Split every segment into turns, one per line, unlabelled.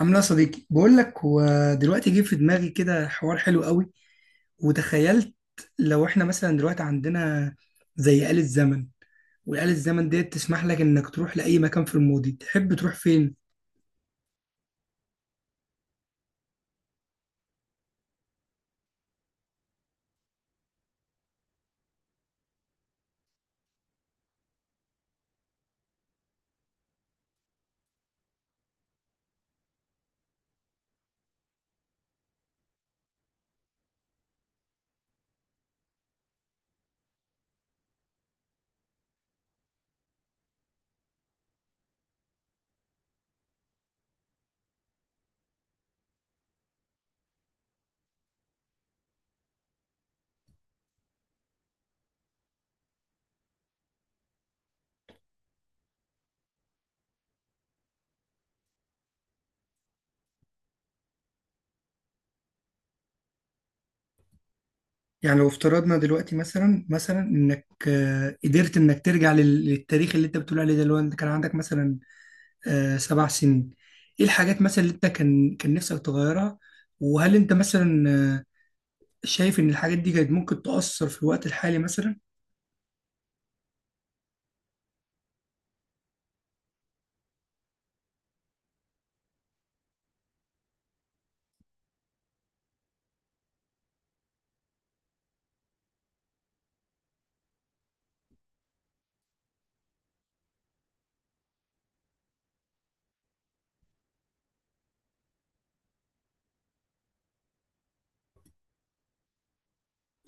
عامل ايه يا صديقي؟ بقول لك، هو دلوقتي جه في دماغي كده حوار حلو قوي، وتخيلت لو احنا مثلا دلوقتي عندنا زي آلة زمن، والآلة الزمن ديت تسمح لك انك تروح لأي مكان في الماضي. تحب تروح فين؟ يعني لو افترضنا دلوقتي مثلا انك قدرت انك ترجع للتاريخ اللي انت بتقول عليه ده، اللي هو انت كان عندك مثلا 7 سنين. ايه الحاجات مثلا اللي انت كان نفسك تغيرها؟ وهل انت مثلا شايف ان الحاجات دي كانت ممكن تأثر في الوقت الحالي مثلا؟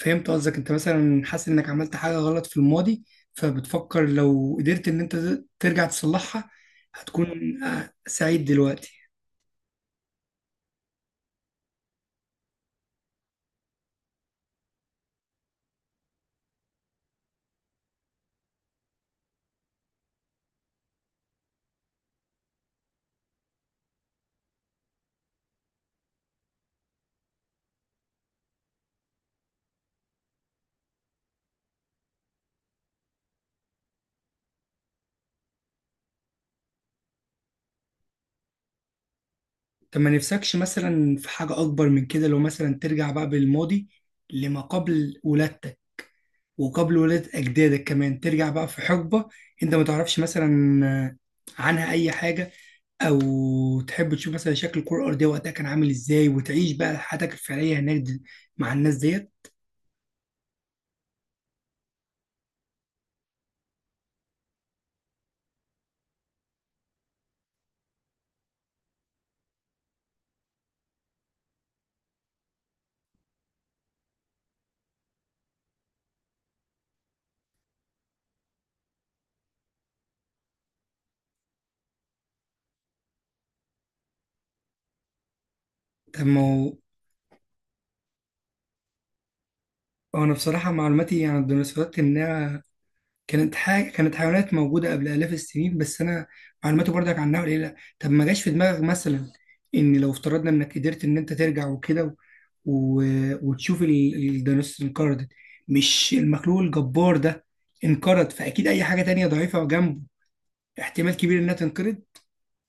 فهمت قصدك، انت مثلا حاسس انك عملت حاجة غلط في الماضي، فبتفكر لو قدرت ان انت ترجع تصلحها هتكون سعيد دلوقتي؟ طب ما نفسكش مثلا في حاجة اكبر من كده؟ لو مثلا ترجع بقى بالماضي لما قبل ولادتك وقبل ولادة اجدادك كمان، ترجع بقى في حقبة انت ما تعرفش مثلا عنها اي حاجة، او تحب تشوف مثلا شكل الكرة الارضية وقتها كان عامل ازاي، وتعيش بقى حياتك الفعلية هناك مع الناس ديت. طب ما هو؟ وانا بصراحه معلوماتي عن الديناصورات انها كانت حيوانات موجوده قبل الاف السنين، بس انا معلوماتي برضك عنها قليله. طب ما جاش في دماغك مثلا ان لو افترضنا انك قدرت ان انت ترجع وكده و... وتشوف الديناصور انقرضت؟ مش المخلوق الجبار ده انقرض، فاكيد اي حاجه تانية ضعيفه جنبه احتمال كبير انها تنقرض،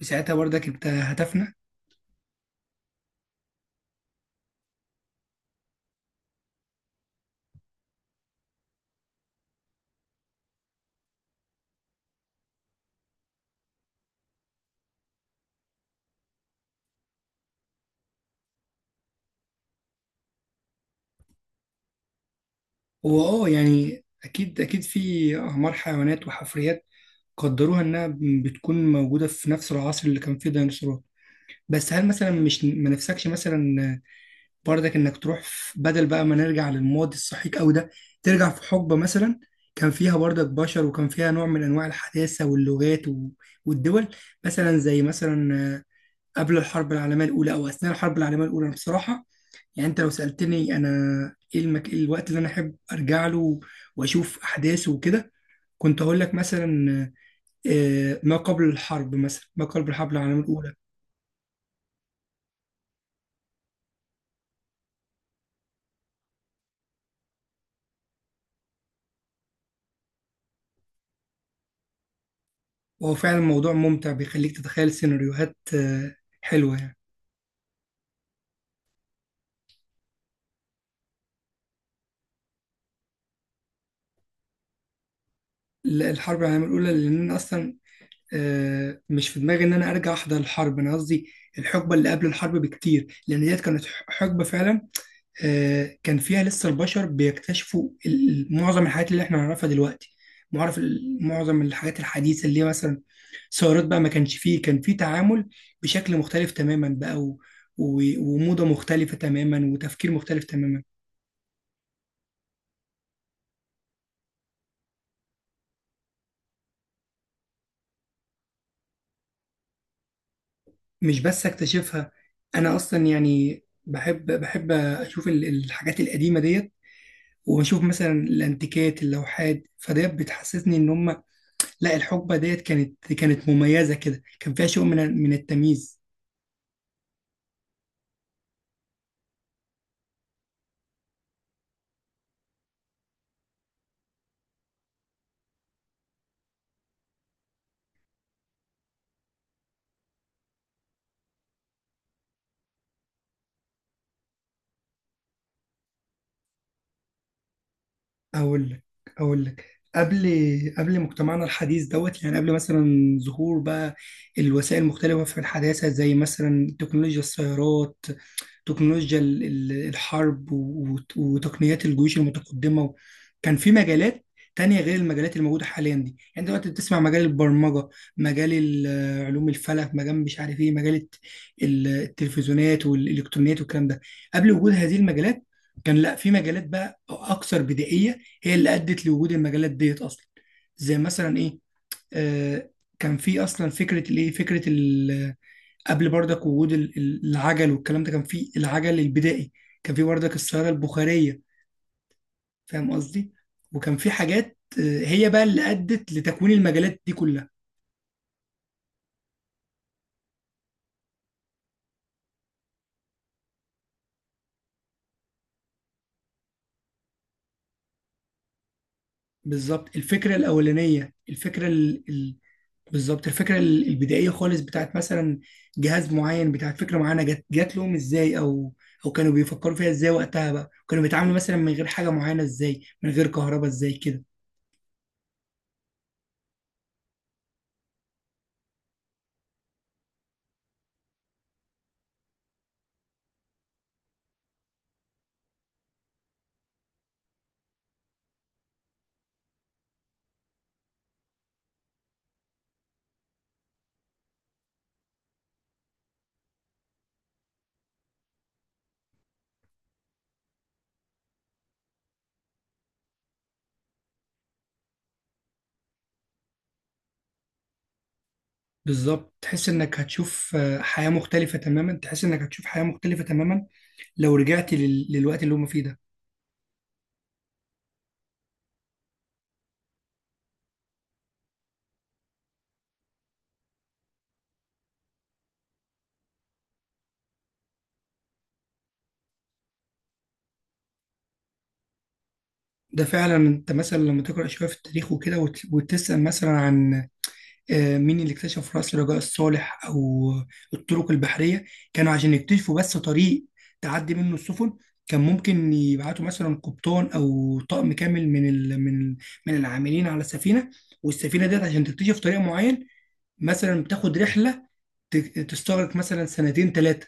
وساعتها برضك انت هتفنى. هو يعني اكيد اكيد في اعمار حيوانات وحفريات قدروها انها بتكون موجوده في نفس العصر اللي كان فيه ديناصورات. بس هل مثلا مش ما نفسكش مثلا برضك انك تروح بدل بقى ما نرجع للماضي السحيق قوي ده، ترجع في حقبه مثلا كان فيها برضك بشر وكان فيها نوع من انواع الحداثه واللغات والدول، مثلا زي مثلا قبل الحرب العالميه الاولى او اثناء الحرب العالميه الاولى؟ أنا بصراحه يعني انت لو سالتني انا إيه الوقت اللي انا احب ارجع له واشوف احداثه وكده، كنت هقول لك مثلا ما قبل الحرب العالمية الأولى. وهو فعلا موضوع ممتع بيخليك تتخيل سيناريوهات حلوة يعني. الحرب العالمية الأولى، لأن أنا أصلا مش في دماغي إن أنا أرجع أحضر الحرب. أنا قصدي الحقبة اللي قبل الحرب بكتير، لأن ديت كانت حقبة فعلا كان فيها لسه البشر بيكتشفوا معظم الحاجات اللي إحنا نعرفها دلوقتي، معرف معظم الحاجات الحديثة اللي هي مثلا ثورات بقى. ما كانش فيه، كان فيه تعامل بشكل مختلف تماما بقى وموضة مختلفة تماما وتفكير مختلف تماما. مش بس اكتشفها، انا اصلا يعني بحب اشوف الحاجات القديمة ديت، وبشوف مثلا الانتيكات اللوحات فديت بتحسسني ان هم، لا الحقبة ديت كانت مميزة كده، كان فيها شيء من التمييز. أقول لك أقول لك قبل قبل مجتمعنا الحديث دوت، يعني قبل مثلا ظهور بقى الوسائل المختلفة في الحداثة، زي مثلا تكنولوجيا السيارات، تكنولوجيا الحرب وتقنيات الجيوش المتقدمة. كان في مجالات تانية غير المجالات الموجودة حاليا دي، يعني دلوقتي بتسمع مجال البرمجة، مجال علوم الفلك، مجال مش عارف ايه، مجال التلفزيونات والإلكترونيات والكلام ده. قبل وجود هذه المجالات كان لا في مجالات بقى أكثر بدائية هي اللي أدت لوجود المجالات ديت أصلا، زي مثلا ايه؟ آه كان في أصلا فكرة الايه، فكرة قبل برضك وجود العجل والكلام ده، كان في العجل البدائي، كان في برضك الصيادة البخارية. فاهم قصدي؟ وكان في حاجات هي بقى اللي أدت لتكوين المجالات دي كلها. بالظبط الفكرة الأولانية، بالظبط الفكرة البدائية خالص بتاعت مثلا جهاز معين، بتاعت فكرة معينة، جات لهم ازاي، أو كانوا بيفكروا فيها ازاي وقتها بقى، كانوا بيتعاملوا مثلا من غير حاجة معينة ازاي، من غير كهرباء ازاي كده. بالظبط، تحس انك هتشوف حياة مختلفة تماما، تحس انك هتشوف حياة مختلفة تماما لو رجعت للوقت اللي هم فيه ده. ده فعلا. انت مثلا لما تقرأ شوية في التاريخ وكده وتسأل مثلا عن مين اللي اكتشف رأس رجاء الصالح او الطرق البحرية، كانوا عشان يكتشفوا بس طريق تعدي منه السفن، كان ممكن يبعتوا مثلا قبطان او طقم كامل من العاملين على السفينة، والسفينة ديت عشان تكتشف طريق معين مثلا بتاخد رحلة تستغرق مثلا سنتين ثلاثة،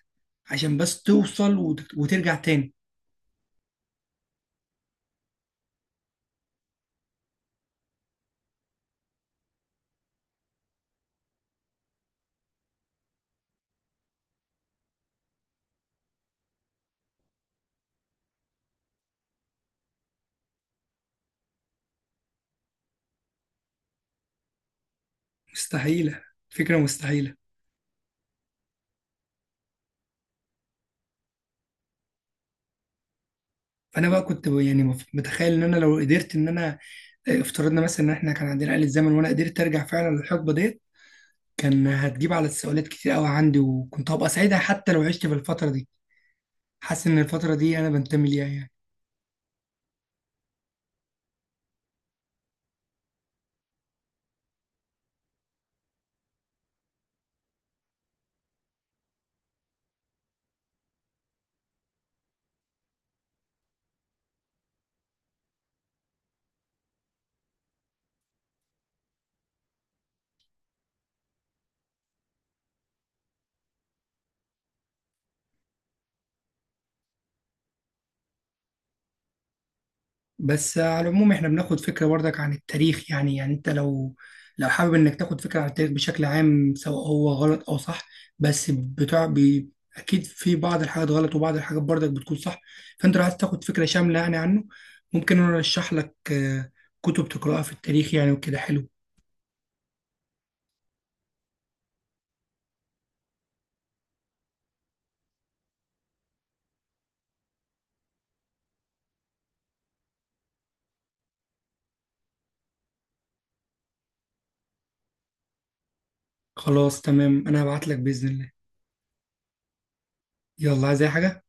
عشان بس توصل وترجع تاني. مستحيلة! فكرة مستحيلة! فأنا بقى كنت يعني متخيل إن أنا لو قدرت إن أنا افترضنا مثلا إن إحنا كان عندنا آلة زمن وأنا قدرت أرجع فعلا للحقبة ديت، كان هتجيب على السؤالات كتير قوي عندي وكنت هبقى سعيدة، حتى لو عشت في الفترة دي، حاسس إن الفترة دي أنا بنتمي ليها يعني. بس على العموم احنا بناخد فكرة برضك عن التاريخ، يعني انت لو حابب انك تاخد فكرة عن التاريخ بشكل عام سواء هو غلط او صح، بس بتاع بي اكيد في بعض الحاجات غلط وبعض الحاجات برضك بتكون صح. فانت لو عايز تاخد فكرة شاملة يعني عنه، ممكن انا ارشح لك كتب تقراها في التاريخ يعني وكده حلو. خلاص تمام، انا هبعت لك بإذن الله. يلا، عايز اي حاجة؟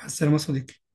مع السلامة يا صديقي.